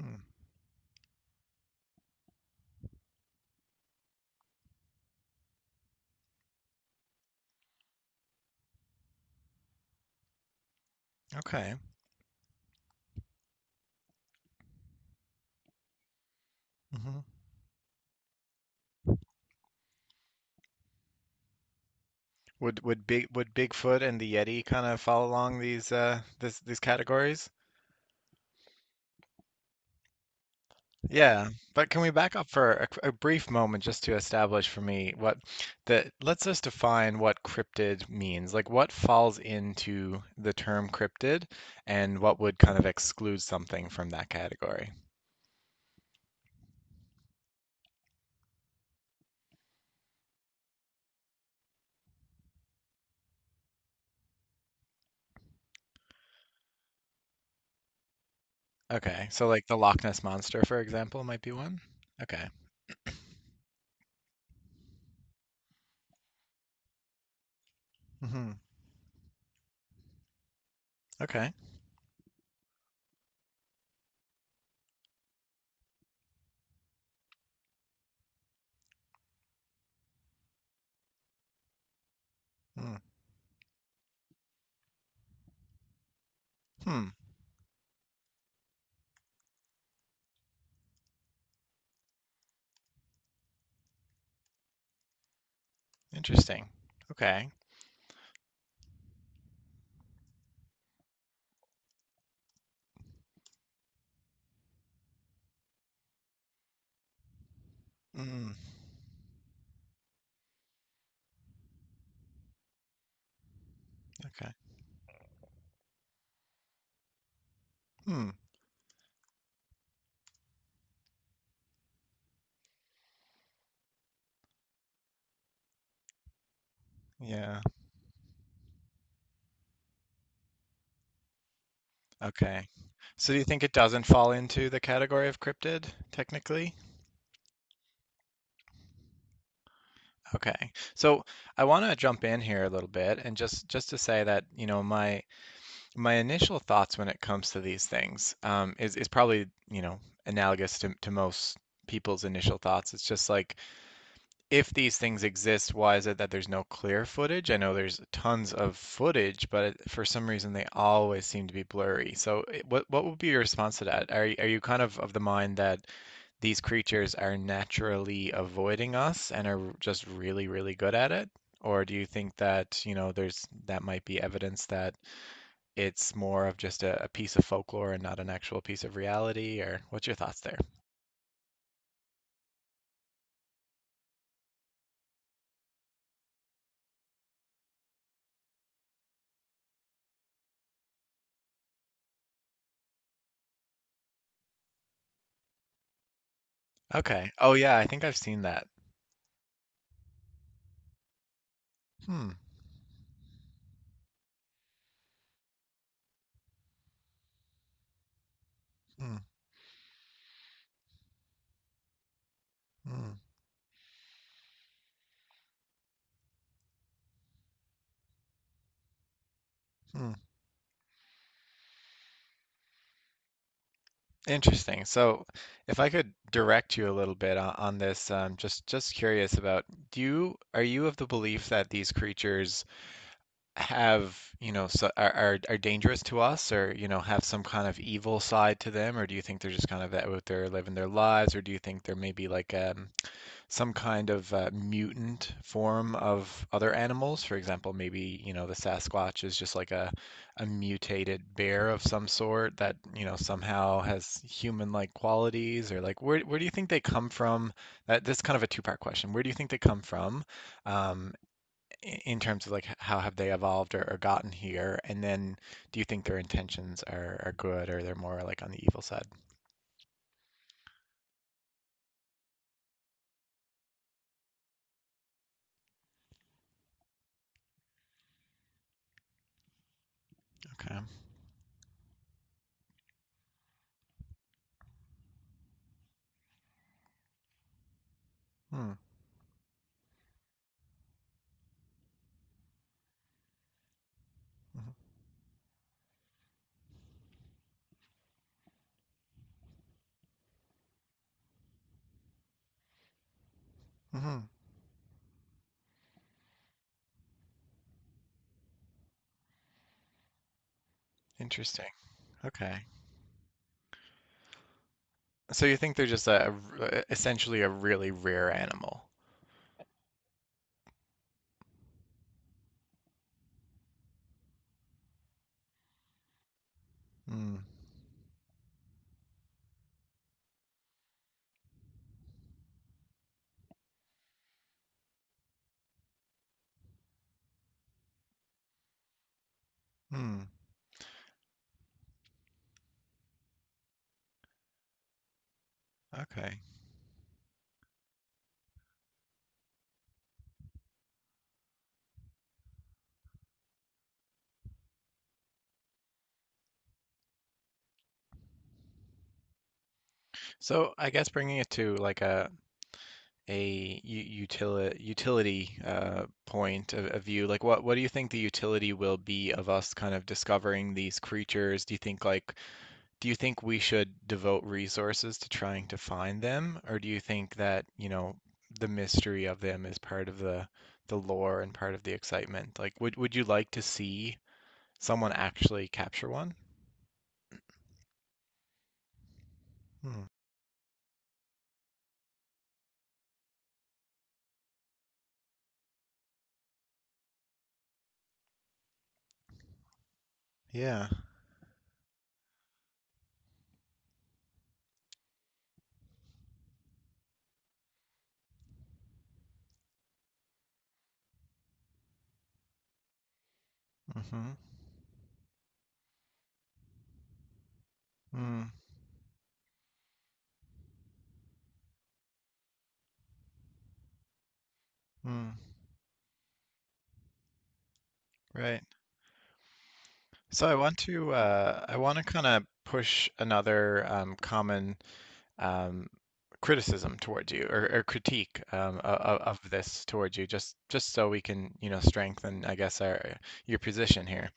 Hmm, okay. Hmm. Would Bigfoot and the Yeti kind of follow along these categories? Yeah, but can we back up for a brief moment just to establish for me what the let's just define what cryptid means. Like what falls into the term cryptid and what would kind of exclude something from that category? Okay. So like the Loch Ness Monster, for example, might be one. Okay. Hmm. Okay. Mm. Hmm. Interesting. Okay. Mm. Okay. Hmm. Yeah. Okay. So do you think it doesn't fall into the category of cryptid technically? Okay. So I want to jump in here a little bit and just to say that, you know, my initial thoughts when it comes to these things is probably, you know, analogous to most people's initial thoughts. It's just like if these things exist, why is it that there's no clear footage? I know there's tons of footage, but for some reason they always seem to be blurry. So, what would be your response to that? Are you kind of the mind that these creatures are naturally avoiding us and are just really, really good at it? Or do you think that, you know, there's that might be evidence that it's more of just a piece of folklore and not an actual piece of reality? Or what's your thoughts there? Okay. Oh yeah, I think I've seen that. Hmm. Hmm. Hmm. Hmm. Interesting. So, if I could direct you a little bit on this, just curious about, do you are you of the belief that these creatures have, you know, so, are dangerous to us, or you know, have some kind of evil side to them, or do you think they're just kind of out there living their lives, or do you think they're maybe like some kind of mutant form of other animals. For example, maybe, you know, the Sasquatch is just like a mutated bear of some sort that, you know, somehow has human-like qualities or like where do you think they come from? That this kind of a two-part question. Where do you think they come from? Um, in terms of like how have they evolved or gotten here? And then do you think their intentions are good or they're more like on the evil side? Okay. Hmm. Hmm. Interesting. Okay. So you think they're just essentially a really rare animal? Mm. Hmm. Okay. So I guess bringing it to like a utility point of view, like what do you think the utility will be of us kind of discovering these creatures? Do you think like do you think we should devote resources to trying to find them, or do you think that, you know, the mystery of them is part of the lore and part of the excitement? Like would you like to see someone actually capture one? Hmm. Yeah. Mm-hmm. Mm. Mm. Right. So I want to kind of push another common um, criticism towards you or critique of this towards you just so we can you know strengthen I guess our your position here.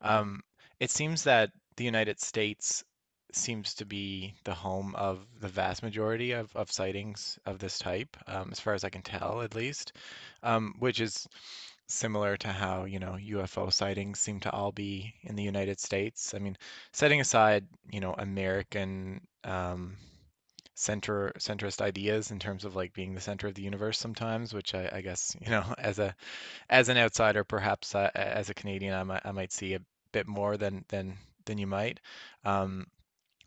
Um, it seems that the United States seems to be the home of the vast majority of sightings of this type, as far as I can tell, at least, which is similar to how, you know, UFO sightings seem to all be in the United States. I mean, setting aside, you know, American center centrist ideas in terms of like being the center of the universe sometimes, which I guess, you know, as an outsider, perhaps as a Canadian, I might see a bit more than than you might. Um,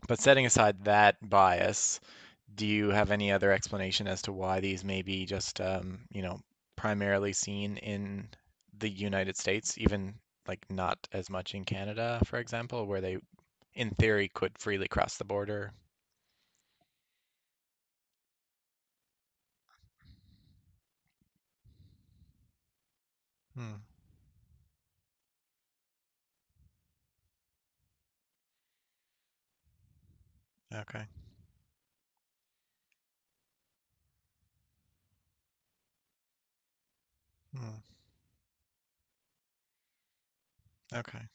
but setting aside that bias, do you have any other explanation as to why these may be just you know primarily seen in the United States, even like not as much in Canada, for example, where they in theory could freely cross the border? Hmm. Okay. Hmm. Okay.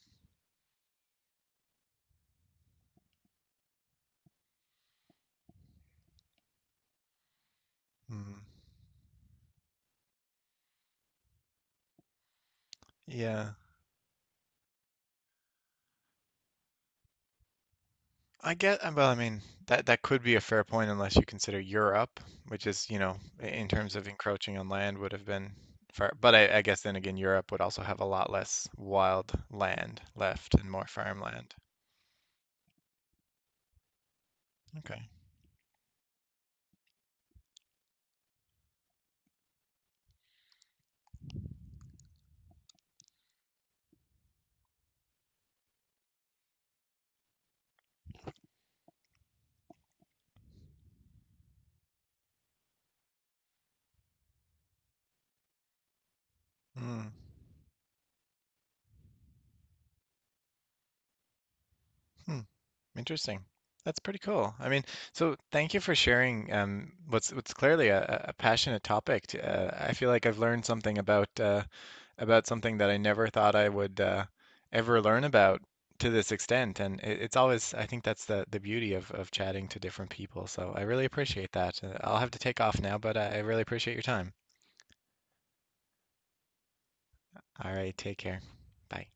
Hmm. Yeah. I get, well, I mean, that that could be a fair point unless you consider Europe, which is, you know, in terms of encroaching on land would have been far, but I guess then again, Europe would also have a lot less wild land left and more farmland. Okay. Mm. Hmm. Interesting. That's pretty cool. I mean, so thank you for sharing what's clearly a passionate topic. I feel like I've learned something about something that I never thought I would ever learn about to this extent. And it, it's always, I think that's the beauty of chatting to different people. So I really appreciate that. I'll have to take off now, but I really appreciate your time. All right, take care. Bye.